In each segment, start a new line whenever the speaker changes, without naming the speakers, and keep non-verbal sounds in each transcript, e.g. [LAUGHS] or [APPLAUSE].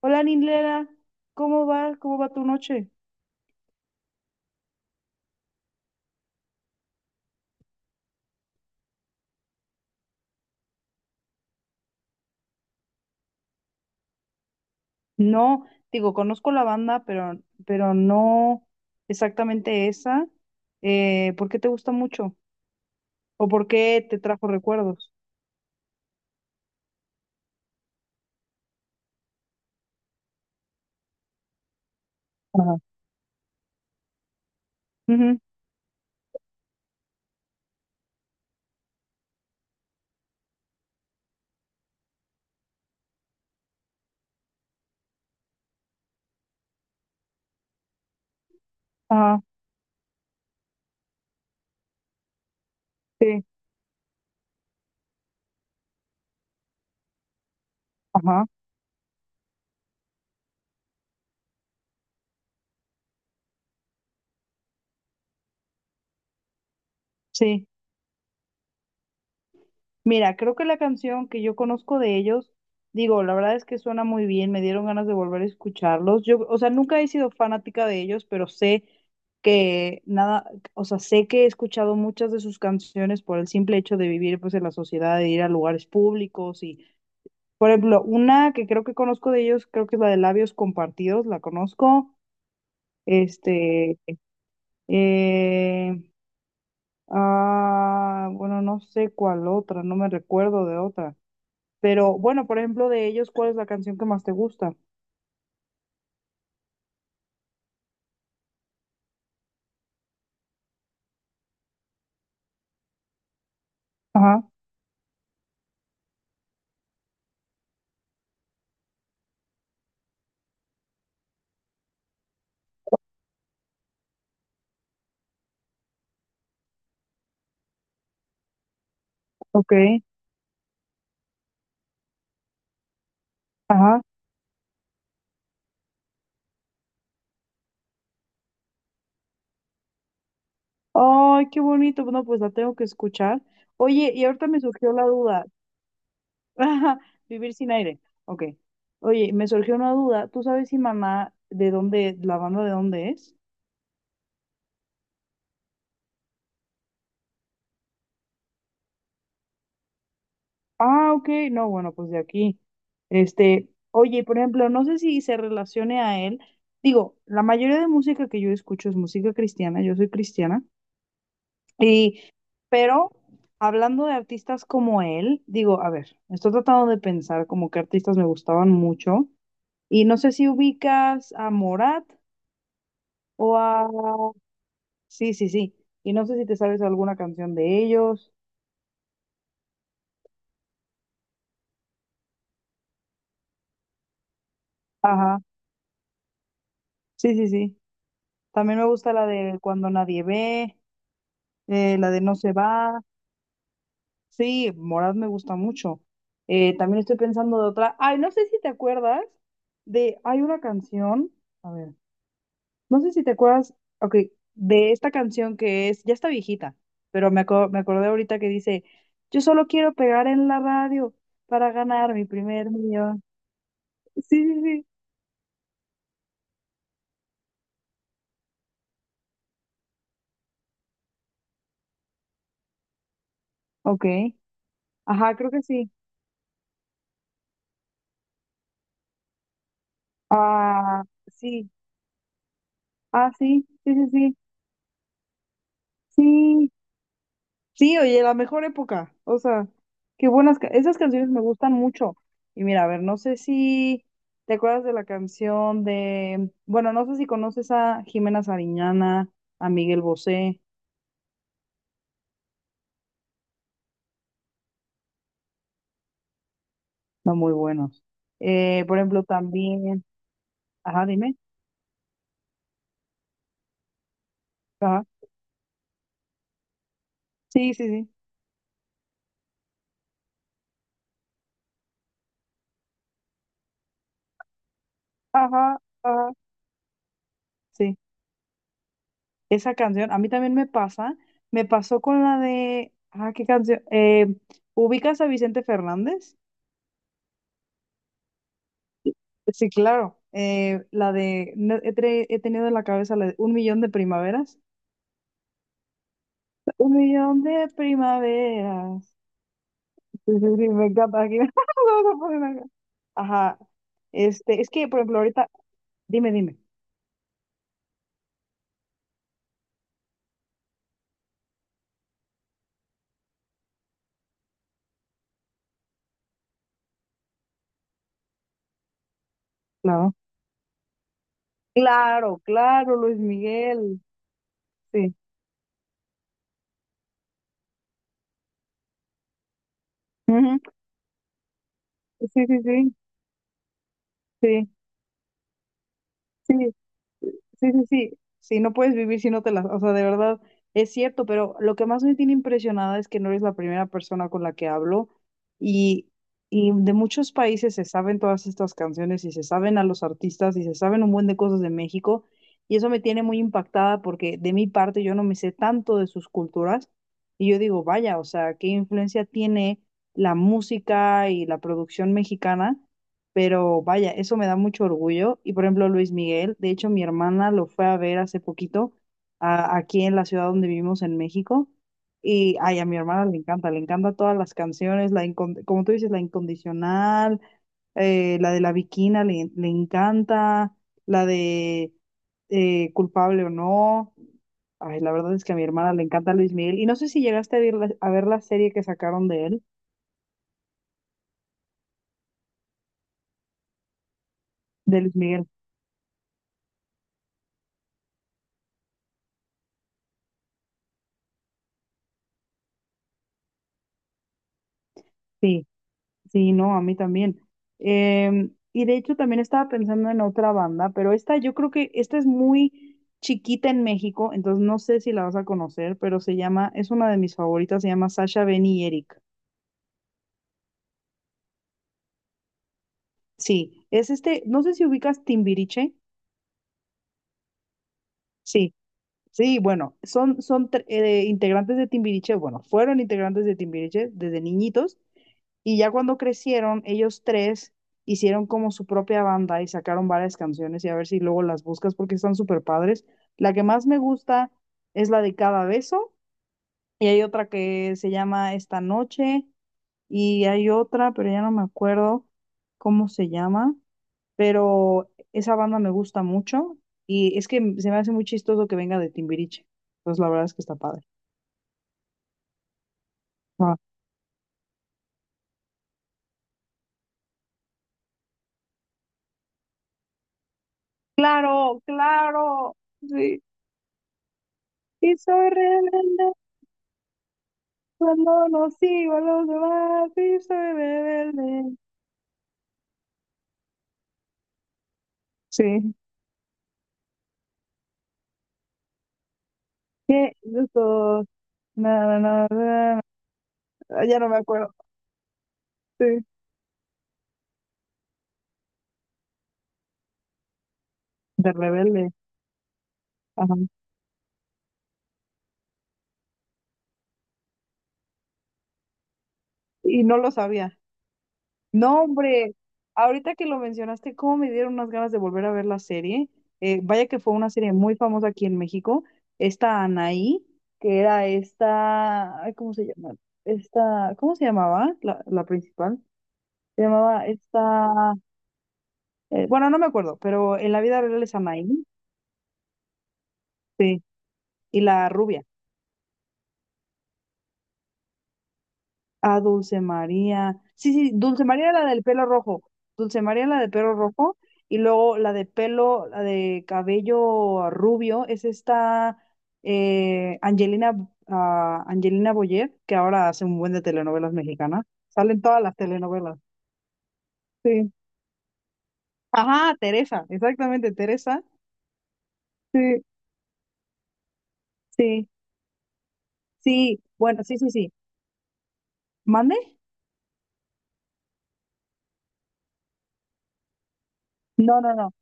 Hola, Nilera, ¿cómo va? ¿Cómo va tu noche? No, digo, conozco la banda, pero no exactamente esa. ¿Por qué te gusta mucho? ¿O por qué te trajo recuerdos? Ajá. Ujú, ajá, sí, ajá, sí. Mira, creo que la canción que yo conozco de ellos, digo, la verdad es que suena muy bien, me dieron ganas de volver a escucharlos. Yo, o sea, nunca he sido fanática de ellos, pero sé que nada, o sea, sé que he escuchado muchas de sus canciones por el simple hecho de vivir pues en la sociedad, de ir a lugares públicos y, por ejemplo, una que creo que conozco de ellos, creo que es la de Labios Compartidos, la conozco. Este, eh, bueno, no sé cuál otra, no me recuerdo de otra. Pero bueno, por ejemplo, de ellos, ¿cuál es la canción que más te gusta? Ajá, ok, ajá. Ay, qué bonito. Bueno, pues la tengo que escuchar. Oye, y ahorita me surgió la duda. [LAUGHS] Ajá, vivir sin aire. Ok. Oye, me surgió una duda. ¿Tú sabes si mamá de dónde, la banda de dónde es? Ah, ok. No, bueno, pues de aquí. Oye, por ejemplo, no sé si se relacione a él. Digo, la mayoría de música que yo escucho es música cristiana. Yo soy cristiana. Pero hablando de artistas como él, digo, a ver, estoy tratando de pensar como que artistas me gustaban mucho. Y no sé si ubicas a Morat o a... Sí, sí, sí. Y no sé si te sabes alguna canción de ellos. Ajá. Sí, sí, sí. También me gusta la de Cuando nadie ve, la de No se va. Sí, Morat me gusta mucho. También estoy pensando de otra. Ay, no sé si te acuerdas de... Hay una canción. A ver. No sé si te acuerdas, ok, de esta canción que es, ya está viejita, pero me acordé ahorita que dice, yo solo quiero pegar en la radio para ganar mi primer millón. Sí, sí, sí. Ok. Ajá, creo que sí. Ah, sí. Ah, sí, sí, sí, sí. Sí, sí, oye, la mejor época. O sea, qué buenas. Esas canciones me gustan mucho. Y mira, a ver, no sé si te acuerdas de la canción de. Bueno, no sé si conoces a Jimena Sariñana, a Miguel Bosé. Son muy buenos. Por ejemplo, también. Ajá, dime. Ajá. Sí, sí, sí. Ajá, ajá. Sí. Esa canción, a mí también me pasa. Me pasó con la de. Ajá, ¿qué canción? ¿Ubicas a Vicente Fernández? Sí, claro. La de, no- he, tre- he tenido en la cabeza la de un millón de primaveras. Un millón de primaveras. [LAUGHS] Sí, sí, sí, me encanta. Aquí [LAUGHS] vamos a poner acá. Ajá. Es que, por ejemplo, ahorita, dime, dime. Claro. Claro, claro, Luis Miguel. Sí. Ujú. Sí, sí, sí, sí. Sí, sí, sí, sí, sí, no puedes vivir si no te las, o sea, de verdad es cierto, pero lo que más me tiene impresionada es que no eres la primera persona con la que hablo y, y de muchos países se saben todas estas canciones y se saben a los artistas y se saben un buen de cosas de México y eso me tiene muy impactada porque de mi parte yo no me sé tanto de sus culturas y yo digo, vaya, o sea, ¿qué influencia tiene la música y la producción mexicana? Pero vaya, eso me da mucho orgullo. Y por ejemplo, Luis Miguel, de hecho, mi hermana lo fue a ver hace poquito aquí en la ciudad donde vivimos en México. Y ay, a mi hermana le encanta todas las canciones, como tú dices, la incondicional, la de la Bikina le, le encanta, la de culpable o no. Ay, la verdad es que a mi hermana le encanta Luis Miguel. Y no sé si llegaste a ver la serie que sacaron de él, de Luis Miguel. Sí. Sí, no, a mí también. Y de hecho también estaba pensando en otra banda, pero esta yo creo que esta es muy chiquita en México, entonces no sé si la vas a conocer, pero se llama, es una de mis favoritas, se llama Sasha, Benny y Eric. Sí, es este, no sé si ubicas Timbiriche. Sí, sí, bueno, son, integrantes de Timbiriche, bueno, fueron integrantes de Timbiriche desde niñitos. Y ya cuando crecieron, ellos tres hicieron como su propia banda y sacaron varias canciones y a ver si luego las buscas porque están súper padres. La que más me gusta es la de Cada Beso y hay otra que se llama Esta Noche y hay otra, pero ya no me acuerdo cómo se llama, pero esa banda me gusta mucho y es que se me hace muy chistoso que venga de Timbiriche. Pues la verdad es que está padre. Ah. Claro, claro. Sí. Y soy rebelde. Cuando no sigo a los demás y soy rebelde. Sí. qué yo soy- Na, na, na, na, na. Ya no me acuerdo. Sí. De rebelde. Ajá. Y no lo sabía. No, hombre. Ahorita que lo mencionaste, cómo me dieron unas ganas de volver a ver la serie. Vaya que fue una serie muy famosa aquí en México. Esta Anaí, que era esta, ay, ¿cómo se llama? Esta, ¿cómo se llamaba? La principal. Se llamaba esta. Bueno, no me acuerdo, pero en la vida real es Amaí, sí, y la rubia. Ah, Dulce María. Sí, sí, Dulce María era la del pelo rojo. Dulce María era la de pelo rojo. Y luego la de pelo, la de cabello rubio, es esta Angelina Boyer, que ahora hace un buen de telenovelas mexicanas. Salen todas las telenovelas. Sí. Ajá, Teresa, exactamente, Teresa. Sí, sí, sí. Bueno, sí, sí, sí. ¿Mande? No, no, no.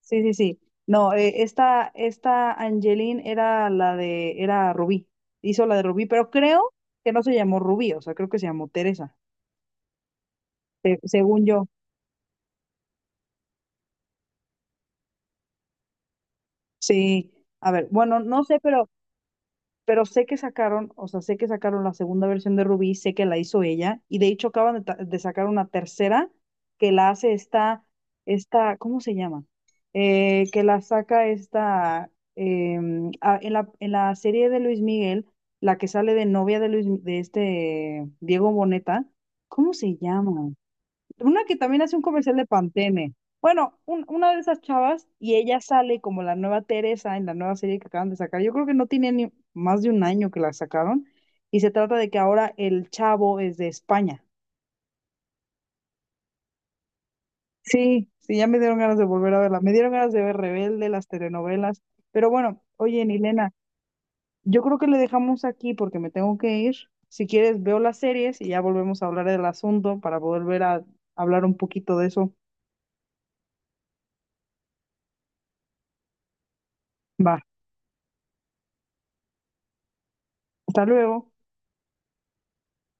Sí, sí, sí. No, esta Angeline era la de, era Rubí. Hizo la de Rubí, pero creo que no se llamó Rubí, o sea, creo que se llamó Teresa, según yo. Sí. A ver, bueno, no sé, pero sé que sacaron, o sea, sé que sacaron la segunda versión de Ruby, sé que la hizo ella, y de hecho acaban de, de sacar una tercera que la hace esta, esta, ¿cómo se llama? Que la saca esta, en la serie de Luis Miguel, la que sale de novia de Luis, de este Diego Boneta, ¿cómo se llama? Una que también hace un comercial de Pantene. Bueno, una de esas chavas y ella sale como la nueva Teresa en la nueva serie que acaban de sacar. Yo creo que no tiene ni más de un año que la sacaron y se trata de que ahora el chavo es de España. Sí, sí, ya me dieron ganas de volver a verla. Me dieron ganas de ver Rebelde, las telenovelas. Pero bueno, oye, Nilena, yo creo que le dejamos aquí porque me tengo que ir. Si quieres, veo las series y ya volvemos a hablar del asunto para volver a hablar un poquito de eso. Va, hasta luego.